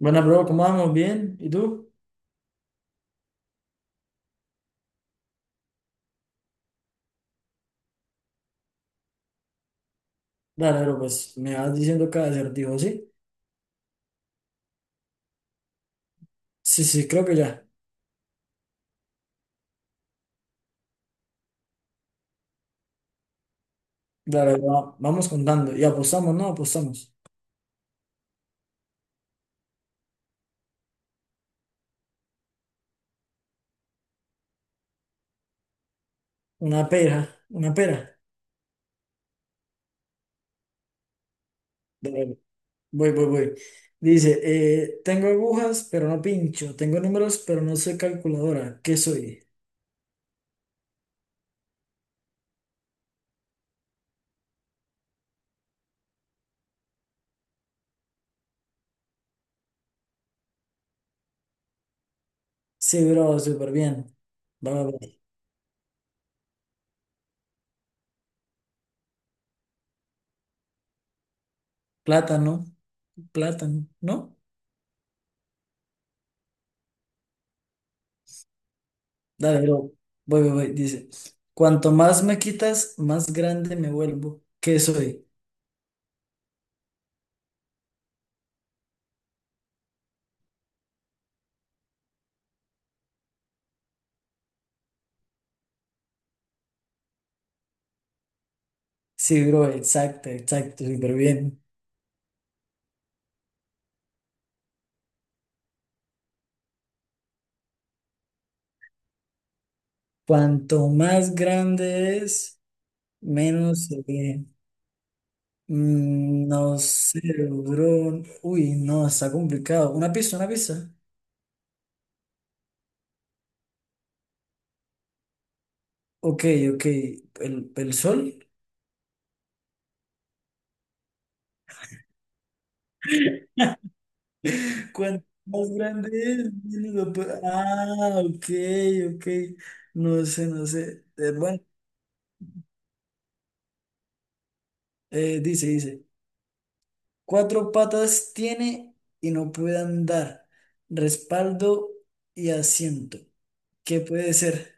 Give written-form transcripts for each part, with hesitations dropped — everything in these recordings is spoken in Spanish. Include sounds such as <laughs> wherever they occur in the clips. Bueno, bro, ¿cómo vamos? ¿Bien? ¿Y tú? Dale, bro, pues me vas diciendo cada acertijo, ¿sí? Sí, sí, creo que ya. Dale, vamos contando. Y apostamos, ¿no? Apostamos. Una pera, una pera. Dale, voy. Dice, tengo agujas, pero no pincho. Tengo números, pero no soy calculadora. ¿Qué soy? Sí, bro, súper bien. Va, va, va. Plátano, plátano, ¿no? Dale, bro. Voy. Dice, cuanto más me quitas, más grande me vuelvo. ¿Qué soy? Sí, bro, exacto, exacto, súper bien. Cuanto más grande es, menos se ve. Mm, no sé, bro. Uy, no, está complicado. Una pista, una pista. Ok, ok. ¿El sol? <laughs> Cuanto más grande es, ah, ok, ok. No sé, no sé. Bueno, dice. Cuatro patas tiene y no puede andar. Respaldo y asiento. ¿Qué puede ser?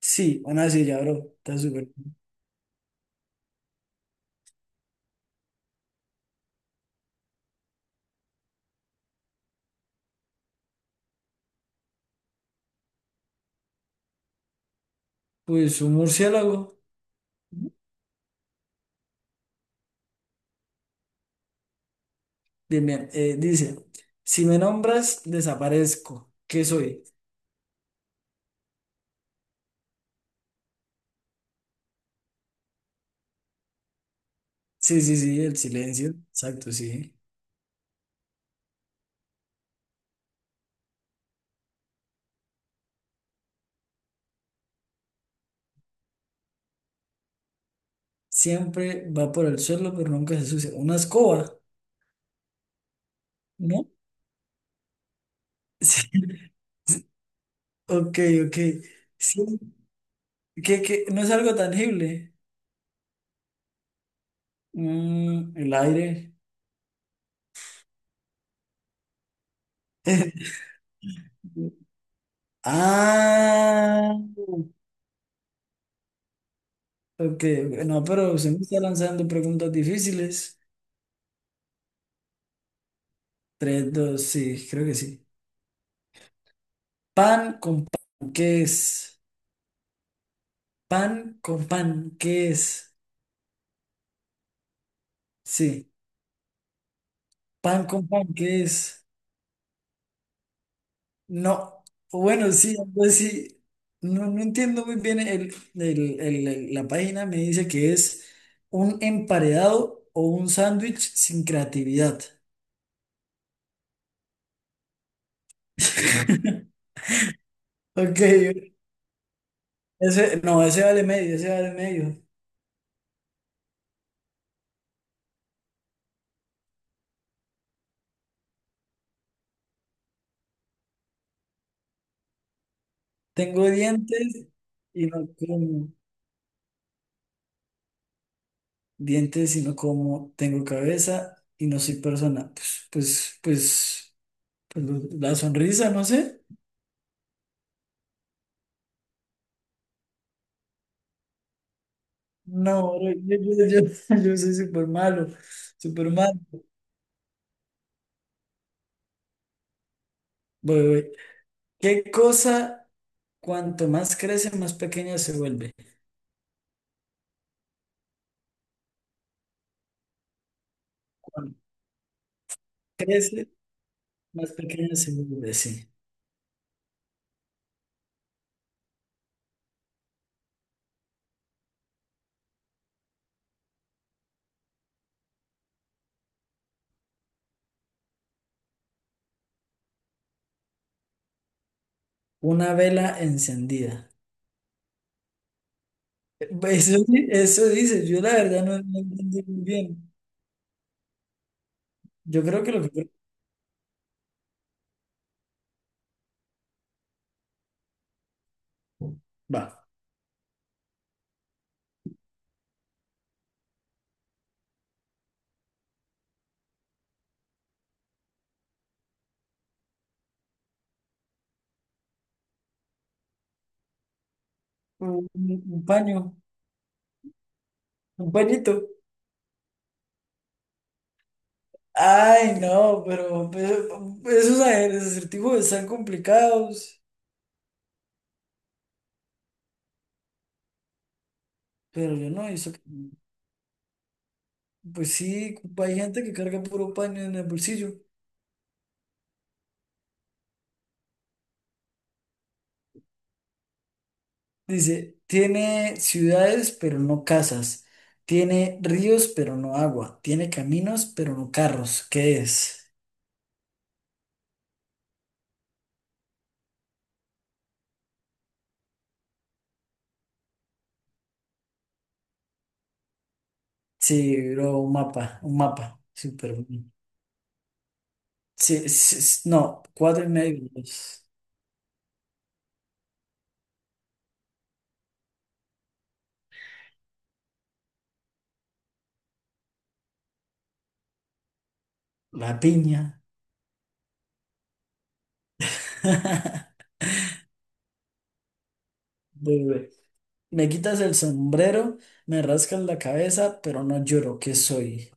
Sí, una silla, bro. Está súper. Pues un murciélago. Bien, bien. Dice, si me nombras, desaparezco. ¿Qué soy? Sí, sí, sí, el silencio. Exacto, sí. Siempre va por el suelo, pero nunca se sucia. Una escoba, ¿no? <laughs> Sí. Ok, ok. Sí. Qué? No es algo tangible. Mm, el aire. <laughs> Ah, ok, ok. No, pero se me está lanzando preguntas difíciles. Tres, dos, sí, creo que sí. Pan con pan, ¿qué es? Pan con pan, ¿qué es? Sí. Pan con pan, ¿qué es? No. Bueno, sí, pues sí. No, no entiendo muy bien la página. Me dice que es un emparedado o un sándwich sin creatividad. Ok, ese, no, ese vale medio, ese vale medio. Tengo dientes y no como. Dientes, sino como tengo cabeza y no soy persona. Pues la sonrisa, no sé. No, bro, <laughs> yo soy súper malo, súper malo. Voy. ¿Qué cosa, cuanto más crece, más pequeña se vuelve? Cuando crece, más pequeña se vuelve, sí. Una vela encendida. Eso, eso dice, yo la verdad no, no entendí muy bien. Yo creo que lo que... Va. Un, un paño, un pañito. Ay, no, pero esos acertijos están complicados. Pero yo no, eso, pues sí, hay gente que carga puro paño en el bolsillo. Dice, tiene ciudades, pero no casas. Tiene ríos, pero no agua. Tiene caminos, pero no carros. ¿Qué es? Sí, bro, un mapa, un mapa. Súper bien. Sí, sí, sí, no, cuatro y medio. Pues, la piña. <laughs> Bebé. Me quitas el sombrero, me rascas la cabeza, pero no lloro, ¿qué soy?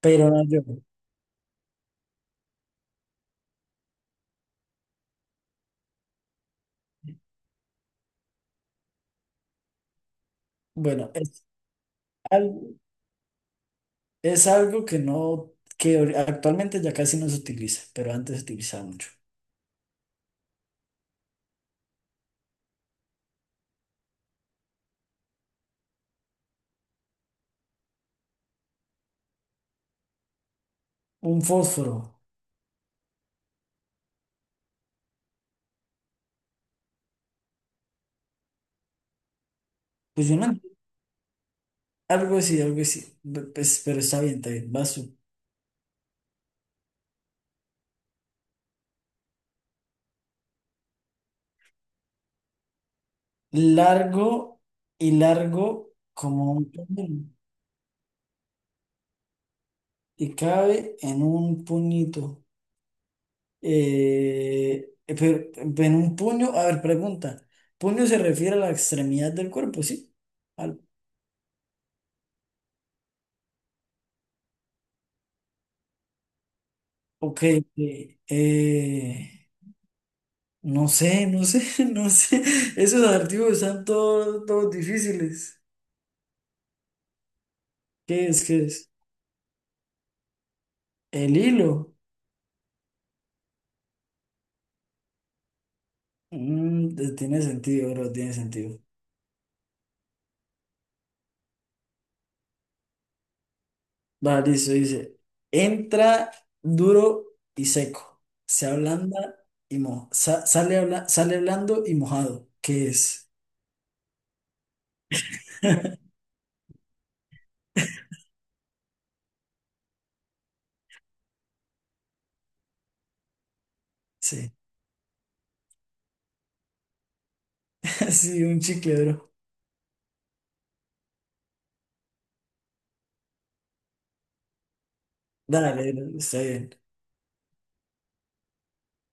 Pero no lloro. Bueno, algo, es algo que no, que actualmente ya casi no se utiliza, pero antes se utilizaba mucho. Un fósforo. Pues yo no, algo así, algo así. Pues, pero está bien, está bien. Vas tú. Largo y largo como un puño, y cabe en un puñito. Pero, en un puño, a ver, pregunta. Puño se refiere a la extremidad del cuerpo, ¿sí? Al- ok. eh, eh, no sé, no sé, <laughs> no sé. Esos adjetivos están todos, todos difíciles. ¿Qué es? ¿Qué es? El hilo. Mm, tiene sentido, bro, tiene sentido. Vale, listo, dice. Entra duro y seco. Se ablanda y sale blando y mojado. ¿Qué es? Sí. <laughs> Sí, un chicle, bro. Dale, bro, está bien.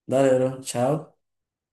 Dale, bro, chao.